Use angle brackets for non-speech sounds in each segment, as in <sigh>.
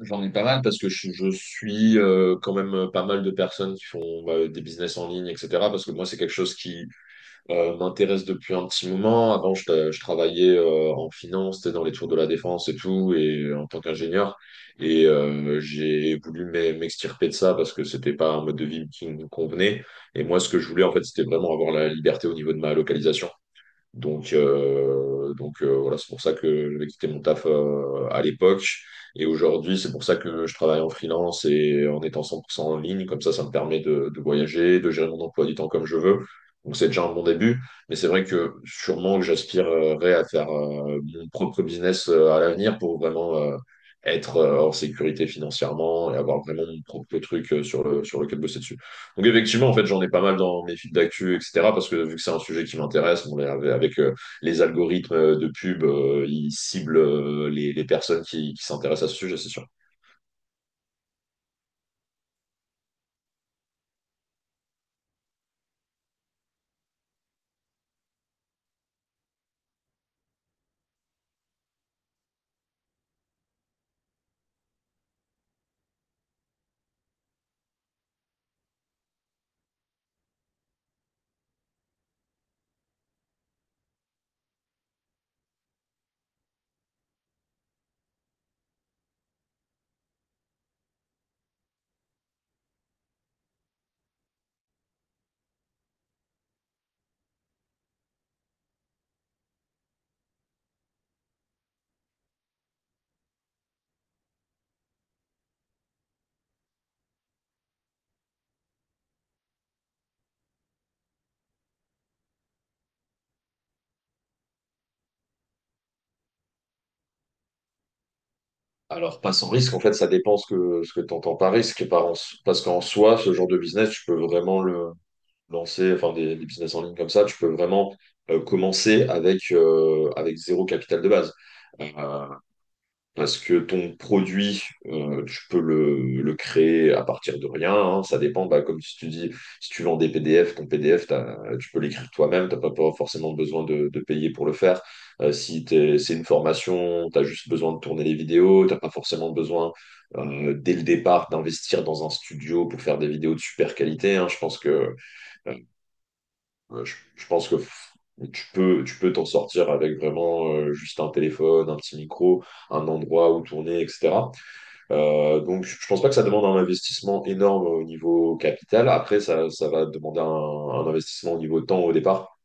J'en ai pas mal parce que je suis quand même pas mal de personnes qui font bah, des business en ligne, etc. Parce que moi, c'est quelque chose qui m'intéresse depuis un petit moment. Avant, je travaillais en finance, t'sais, dans les tours de la défense et tout, et en tant qu'ingénieur. Et j'ai voulu m'extirper de ça parce que c'était pas un mode de vie qui me convenait. Et moi, ce que je voulais, en fait, c'était vraiment avoir la liberté au niveau de ma localisation. Voilà, c'est pour ça que j'avais quitté mon taf à l'époque. Et aujourd'hui, c'est pour ça que je travaille en freelance et en étant 100% en ligne. Comme ça me permet de voyager, de gérer mon emploi du temps comme je veux. Donc, c'est déjà un bon début. Mais c'est vrai que sûrement que j'aspirerais à faire mon propre business à l'avenir pour vraiment être en sécurité financièrement et avoir vraiment mon propre truc sur sur lequel bosser dessus. Donc effectivement, en fait, j'en ai pas mal dans mes fils d'actu, etc. Parce que vu que c'est un sujet qui m'intéresse, bon, avec, les algorithmes de pub, ils ciblent les personnes qui s'intéressent à ce sujet, c'est sûr. Alors, pas sans risque, en fait, ça dépend ce que tu entends par risque. Parce qu'en soi, ce genre de business, tu peux vraiment le lancer, enfin, des business en ligne comme ça, tu peux vraiment commencer avec zéro capital de base. Euh, Parce que ton produit, tu peux le créer à partir de rien, hein. Ça dépend, bah, comme si tu dis, si tu vends des PDF, ton PDF, tu peux l'écrire toi-même. Tu n'as pas pas forcément besoin de payer pour le faire. Si c'est une formation, tu as juste besoin de tourner les vidéos. Tu n'as pas forcément besoin, dès le départ, d'investir dans un studio pour faire des vidéos de super qualité, hein. Je pense que Ouais, je pense que f- Tu peux, tu peux t'en sortir avec vraiment juste un téléphone, un petit micro, un endroit où tourner, etc. Donc je pense pas que ça demande un investissement énorme au niveau capital. Après, ça va demander un investissement au niveau temps au départ.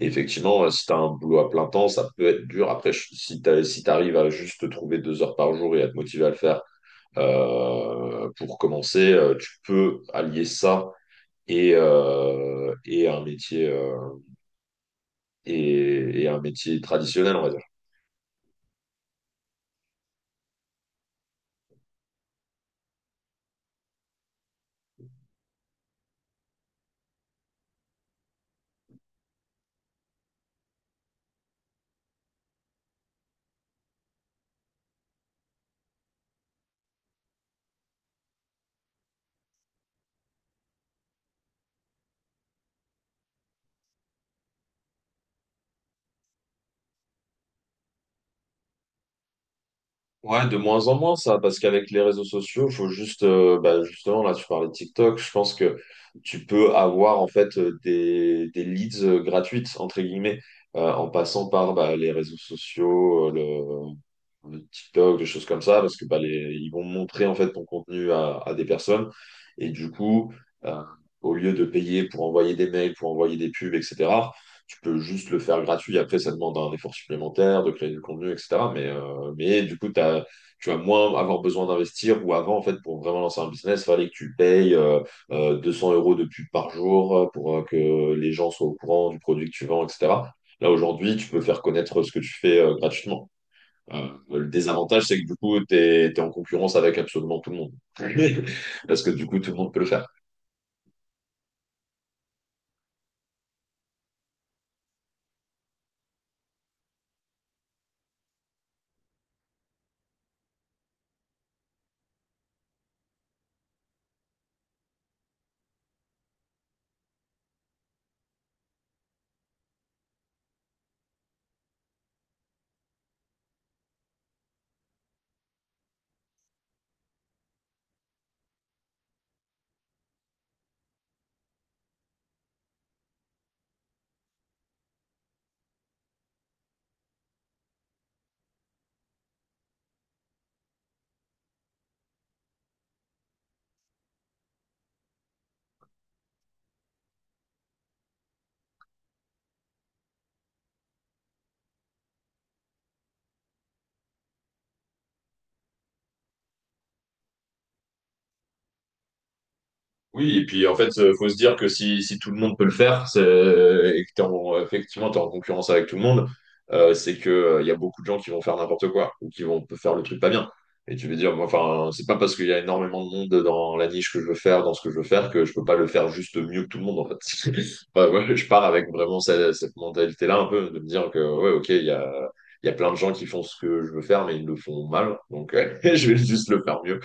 Et effectivement, si tu as un boulot à plein temps, ça peut être dur. Si tu si t'arrives à juste te trouver deux heures par jour et à te motiver à le faire pour commencer, tu peux allier ça et un métier, et un métier traditionnel, on va dire. Ouais, de moins en moins ça, parce qu'avec les réseaux sociaux, faut juste, bah, justement, là, tu parlais de TikTok, je pense que tu peux avoir en fait des leads gratuites, entre guillemets, en passant par bah, les réseaux sociaux, de TikTok, des choses comme ça, parce que bah, ils vont montrer en fait ton contenu à des personnes. Et du coup, euh, au lieu de payer pour envoyer des mails, pour envoyer des pubs, etc., tu peux juste le faire gratuit. Après, ça demande un effort supplémentaire de créer du contenu, etc. Mais du coup, tu vas moins avoir besoin d'investir. Ou avant, en fait, pour vraiment lancer un business, il fallait que tu payes 200 euros de pub par jour pour que les gens soient au courant du produit que tu vends, etc. Là, aujourd'hui, tu peux faire connaître ce que tu fais gratuitement. Le désavantage, c'est que du coup, tu es en concurrence avec absolument tout le monde. <laughs> Parce que du coup, tout le monde peut le faire. Oui, et puis en fait, faut se dire que si, si tout le monde peut le faire, et que effectivement, tu es en concurrence avec tout le monde, c'est que y a beaucoup de gens qui vont faire n'importe quoi ou qui vont faire le truc pas bien. Et tu veux dire, moi, enfin, c'est pas parce qu'il y a énormément de monde dans la niche que je veux faire, dans ce que je veux faire, que je peux pas le faire juste mieux que tout le monde, en fait. <laughs> Enfin, ouais, je pars avec vraiment cette mentalité-là, un peu, de me dire que, ouais, ok, il y a plein de gens qui font ce que je veux faire, mais ils le font mal, donc <laughs> je vais juste le faire mieux.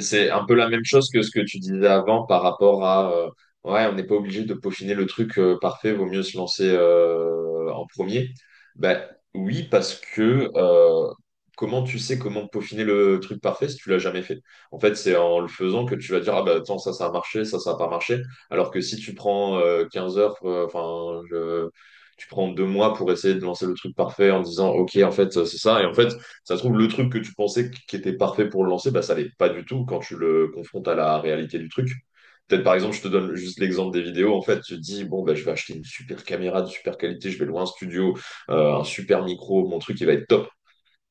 C'est un peu la même chose que ce que tu disais avant par rapport à ouais, on n'est pas obligé de peaufiner le truc parfait, vaut mieux se lancer en premier. Ben oui, parce que comment tu sais comment peaufiner le truc parfait si tu l'as jamais fait? En fait, c'est en le faisant que tu vas dire ah bah attends, ça a marché, ça a pas marché. Alors que si tu prends 15 heures, tu prends deux mois pour essayer de lancer le truc parfait en disant ok en fait c'est ça et en fait ça se trouve, le truc que tu pensais qui était parfait pour le lancer, bah, ça l'est pas du tout quand tu le confrontes à la réalité du truc. Peut-être, par exemple, je te donne juste l'exemple des vidéos. En fait, tu te dis, bon, bah, je vais acheter une super caméra de super qualité, je vais louer un studio, un super micro, mon truc, il va être top.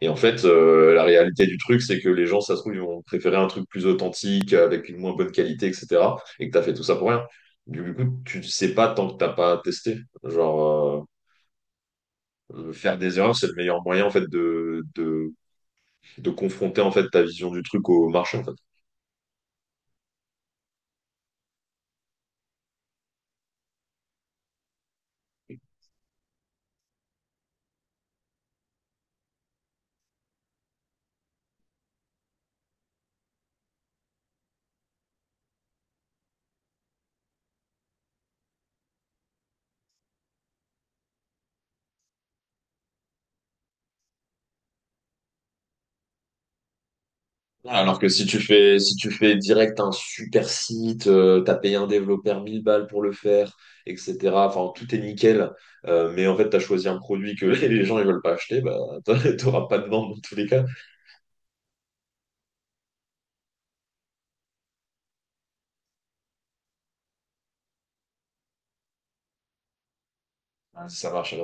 Et en fait, la réalité du truc, c'est que les gens, ça se trouve, ils vont préférer un truc plus authentique, avec une moins bonne qualité, etc. Et que tu as fait tout ça pour rien. Du coup, tu ne sais pas tant que tu n'as pas testé. Genre, faire des erreurs, c'est le meilleur moyen, en fait, de confronter en fait ta vision du truc au marché en fait. Alors que si tu fais direct un super site, t'as payé un développeur 1000 balles pour le faire, etc. Enfin, tout est nickel. Mais en fait, t'as choisi un produit que <laughs> les gens ils veulent pas acheter, bah, <laughs> t'auras pas de vente dans tous les cas. Ouais, ça marche.